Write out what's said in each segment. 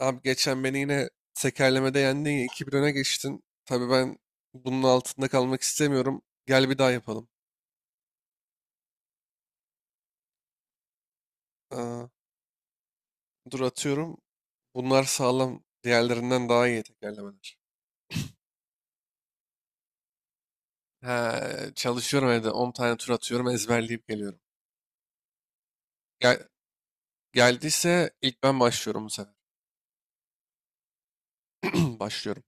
Abi geçen beni yine tekerlemede yendin ya 2-1 öne geçtin. Tabii ben bunun altında kalmak istemiyorum. Gel bir daha yapalım. Aa, dur atıyorum. Bunlar sağlam. Diğerlerinden daha iyi tekerlemeler. Ha, çalışıyorum evde. 10 tane tur atıyorum. Ezberleyip geliyorum. Gel, geldiyse ilk ben başlıyorum bu sefer. Başlıyorum.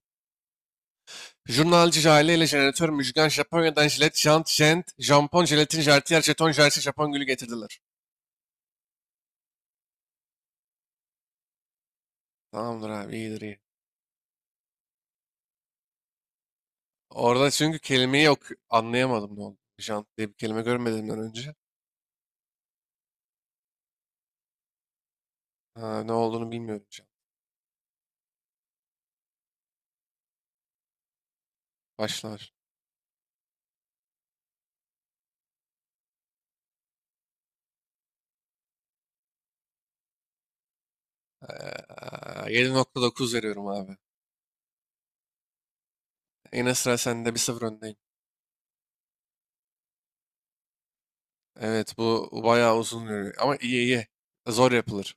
Jurnalci Jale ile jeneratör Müjgan Japonya'dan jilet, jant, jent, jampon, jelatin, jartiyer, jeton, jersi, Japon gülü getirdiler. Tamamdır abi, iyidir iyi. Orada çünkü kelimeyi yok, anlayamadım ne oldu. Jant diye bir kelime görmediğimden önce. Ha, ne olduğunu bilmiyorum jant. Başlar. 7,9 veriyorum abi. Yine sıra sende, 1-0 öndeyim. Evet, bu bayağı uzun yürüyor. Ama iyi iyi. Zor yapılır.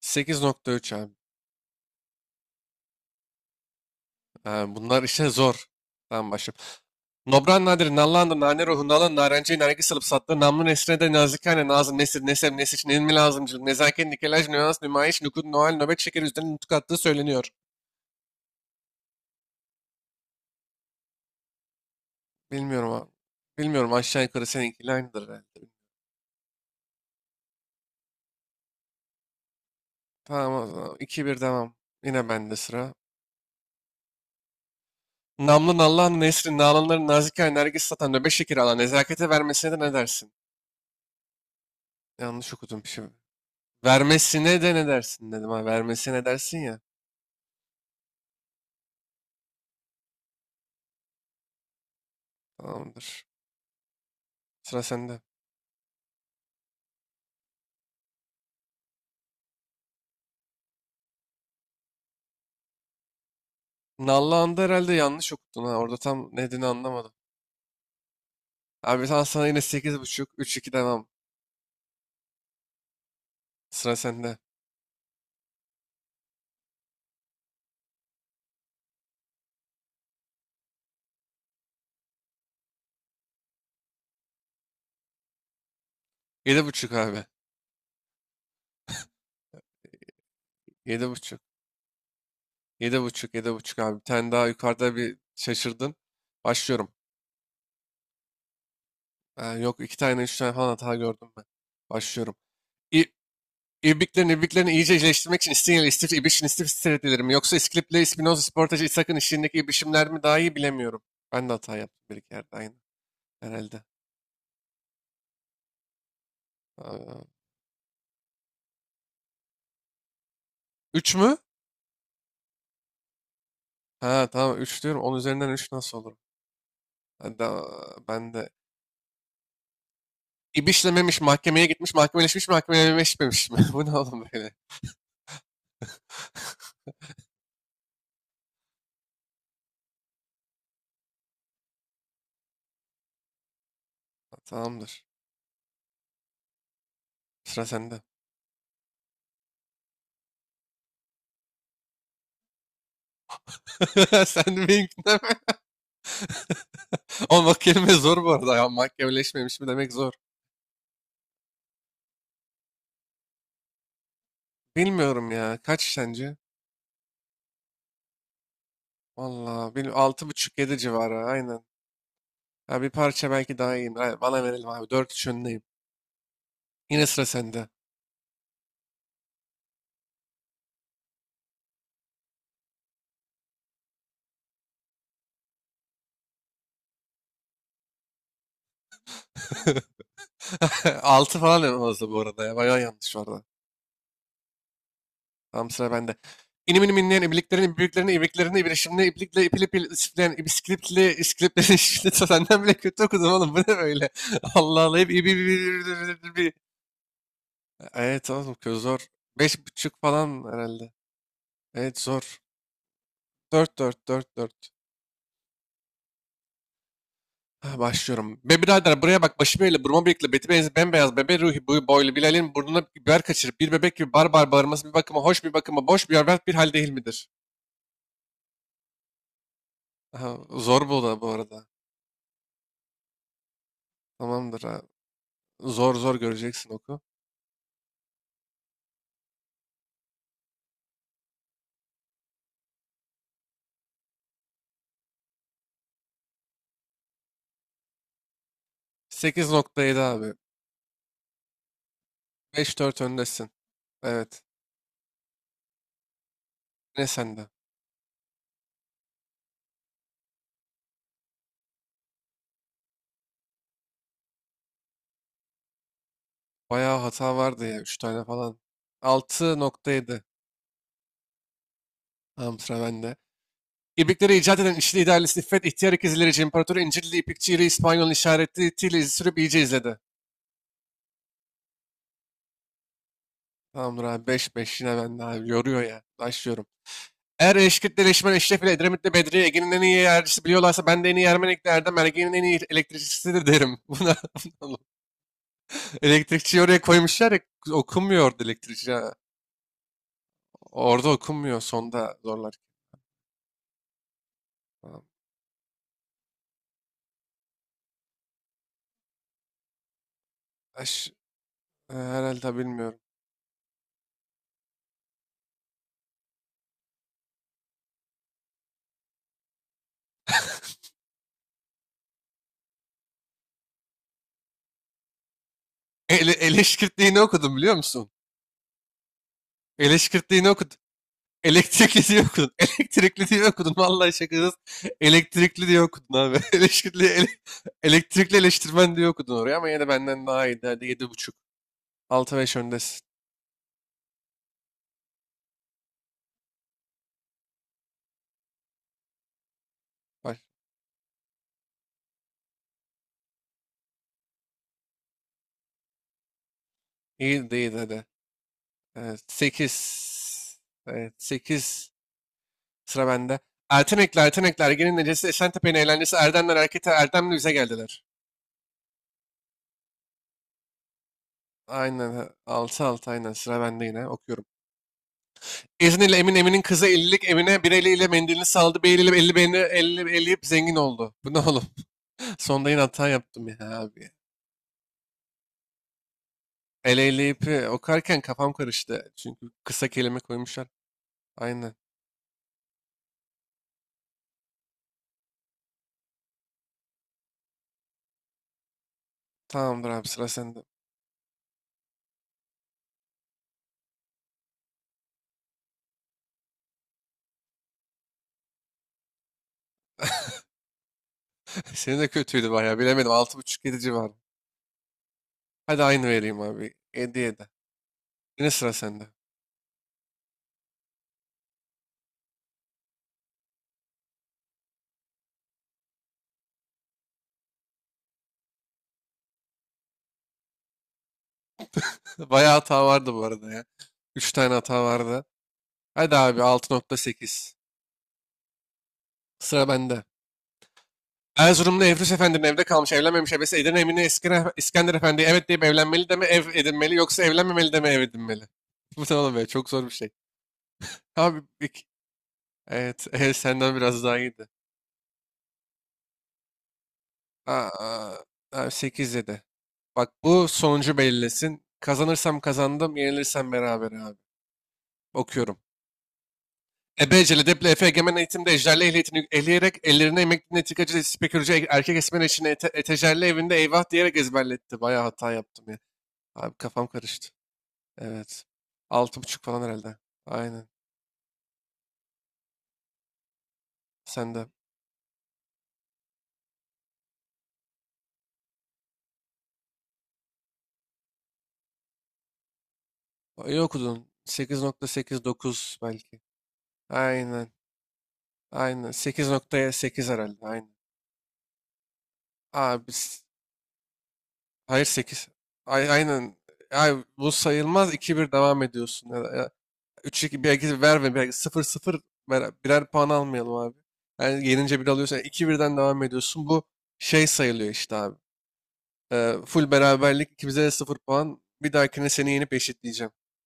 8,3 abi. Ha, bunlar işte zor. Tamam, başlayalım. Nobran nadir, nallandı, nane ruhu, nalan, narenciye, nergis alıp sattı, namlu nesrine de nazikane, nazım, nesir, nesem, nesiç, ilmi lazımcılık, nezaket, nikelaj, nüans, nümayiş, nukud, noel, nöbet şekeri üzerine nutuk attığı söyleniyor. Bilmiyorum abi. Bilmiyorum, aşağı yukarı seninkiyle aynıdır herhalde. Tamam o zaman. 2-1 devam. Yine bende sıra. Namlın Allah'ın Nesrin, Nalanların Nazike Nergis satan nöbet şekeri alan nezakete vermesine de ne dersin? Yanlış okudum şimdi. Vermesine de ne dersin dedim ha. Vermesine ne dersin ya. Tamamdır. Sıra sende. Nallıhan'da herhalde yanlış okudun ha. Orada tam ne dediğini anlamadım. Abi sana yine 8,5, 3-2 devam. Sıra sende. 7,5 abi. 7,5. Yedi buçuk, abi. Bir tane daha yukarıda bir şaşırdın. Başlıyorum. Yok, iki tane, üç tane falan hata gördüm ben. Başlıyorum. İ İbriklerin ibriklerini iyice iyileştirmek için İstinye istif İbriş'in istif stratejileri mi? Yoksa İskilip'le İspinoza Sportaj İshak'ın işlerindeki ibrişimler mi daha iyi bilemiyorum. Ben de hata yaptım bir iki yerde aynı. Herhalde. Aa, üç mü? Ha, tamam, üç diyorum. On üzerinden üç nasıl olur? Ben de, ben de. İbişlememiş, mahkemeye gitmiş, mahkemeleşmiş, mahkemeleşmemiş mi? Bu ne oğlum böyle? Tamamdır. Sıra sende. Sen de benimkinden mi? Ama bak, kelime zor bu arada. Ya, mahkemeleşmemiş mi demek zor. Bilmiyorum ya. Kaç sence? Valla bil, 6,5-7 civarı aynen. Ya bir parça belki daha iyiyim. Ay, bana verelim abi. 4-3 önündeyim. Yine sıra sende. 6 falan en fazla bu arada ya. Bayağı yanlış vardı. Tam sıra bende. İnim inim inleyen ibliklerini, ibliklerini, ibliklerini, ibrişimli, iblikle ipil ipil, isipleyen, ibiskilipli, iskilipli, işte senden bile kötü okudum oğlum. Bu ne böyle? Allah Allah, hep ibi, ibi, ibi, ibi, ibi, ibi. Evet oğlum ki zor. 5,5 falan herhalde. Evet, zor. 4-4 4-4. Ha, başlıyorum. Be birader, buraya bak, başı böyle burma bıyıklı, beti benzi bembeyaz, bebe ruhi boyu boylu Bilal'in burnuna biber kaçırıp bir bebek gibi barbar bağırması bir bakıma hoş, bir bakıma boş, bir berbat bir hal değil midir? Aha, zor bu da bu arada. Tamamdır abi. Zor zor göreceksin oku. 8,7 abi. 5-4 öndesin. Evet. Ne sende? Bayağı hata vardı ya. 3 tane falan. 6,7. Tamam, sıra bende. İpekleri icat eden İşli idaresi İffet, ihtiyar ikizlerici, İmparatoru İncirli, İpekçi İri, İspanyol işaretiyle izi sürüp iyice izledi. Tamamdır abi, 5 5. Yine ben abi, yoruyor ya. Başlıyorum. Eğer Eşkirt'le Leşmen, Eşref ile Edremit'le Bedriye, Ege'nin en iyi yercisi biliyorlarsa ben de en iyi Ermenik'le Erdem, Ergen'in en iyi elektrikçisidir derim. Buna elektrikçiyi oraya koymuşlar ya, okunmuyor orada elektrikçi, ha. Orada okunmuyor, sonda zorlar. Tamam. Herhalde, bilmiyorum. Eleşkirtliğini okudum biliyor musun? Eleşkirtliğini okudum. Elektrikli diye okudun. Elektrikli diye okudun. Vallahi şakasız. Elektrikli diye okudun abi. Elektrikli elektrikli eleştirmen diye okudun oraya, ama yine de benden daha iyiydi. Hadi 7,5. 6-5 öndesin. Bak, iyi değil hadi. Evet, sekiz. Evet, sekiz. Sıra bende. Ertenekli, Ertenekli, Ergen'in necesi, Eşentepe'nin eğlencesi, Erdemler harekete Erdemli bize geldiler. Aynen, 6-6 aynen. Sıra bende yine. Okuyorum. İzniyle Emin Emin'in kızı ellilik Emine bir eliyle mendilini saldı. Bir eliyle elli beni elli, eleyip zengin oldu. Bu ne oğlum? Sonda yine hata yaptım ya abi. El eleyip okarken kafam karıştı. Çünkü kısa kelime koymuşlar. Aynen. Tamamdır abi, sıra sende. Senin de kötüydü bayağı, bilemedim. 6,5 yedi civarı. Hadi aynı vereyim abi. 7'ye de. Yine sıra sende. Bayağı hata vardı bu arada ya. 3 tane hata vardı. Hadi abi, 6,8. Sıra bende. Erzurumlu Evrus Efendi'nin evde kalmış evlenmemiş ebesi Edirne Emine İskender Efendi'ye evet deyip evlenmeli de mi ev edinmeli, yoksa evlenmemeli de mi ev edinmeli? Bu ne oğlum, çok zor bir şey. Abi ik- evet, ev senden biraz daha iyiydi. Aa, abi 8 7. Bak, bu sonucu belirlesin. Kazanırsam kazandım, yenilirsem beraber abi. Okuyorum. Ebeceli Deple Efe Egemen Eğitim'de ejderli ehliyetini ehleyerek ellerine emekli netikacı spekülcü erkek esmer için ete, etejerli evinde eyvah diyerek ezberletti. Bayağı hata yaptım ya. Abi kafam karıştı. Evet. 6,5 falan herhalde. Aynen. Sen de. İyi okudun. 8,89 belki. Aynen. Aynen. 8,8 herhalde. Aynen. Abi s- hayır, sekiz. Ay, aynen. Ay, bu sayılmaz. İki bir devam ediyorsun. Ya, ya, 3-2 belki verme. Belki 0-0 birer puan almayalım abi. Yani yenince bir alıyorsun. Yani 2-1'den devam ediyorsun. Bu şey sayılıyor işte abi. Full beraberlik. İkimize de sıfır puan. Bir dahakine seni yenip eşitleyeceğim.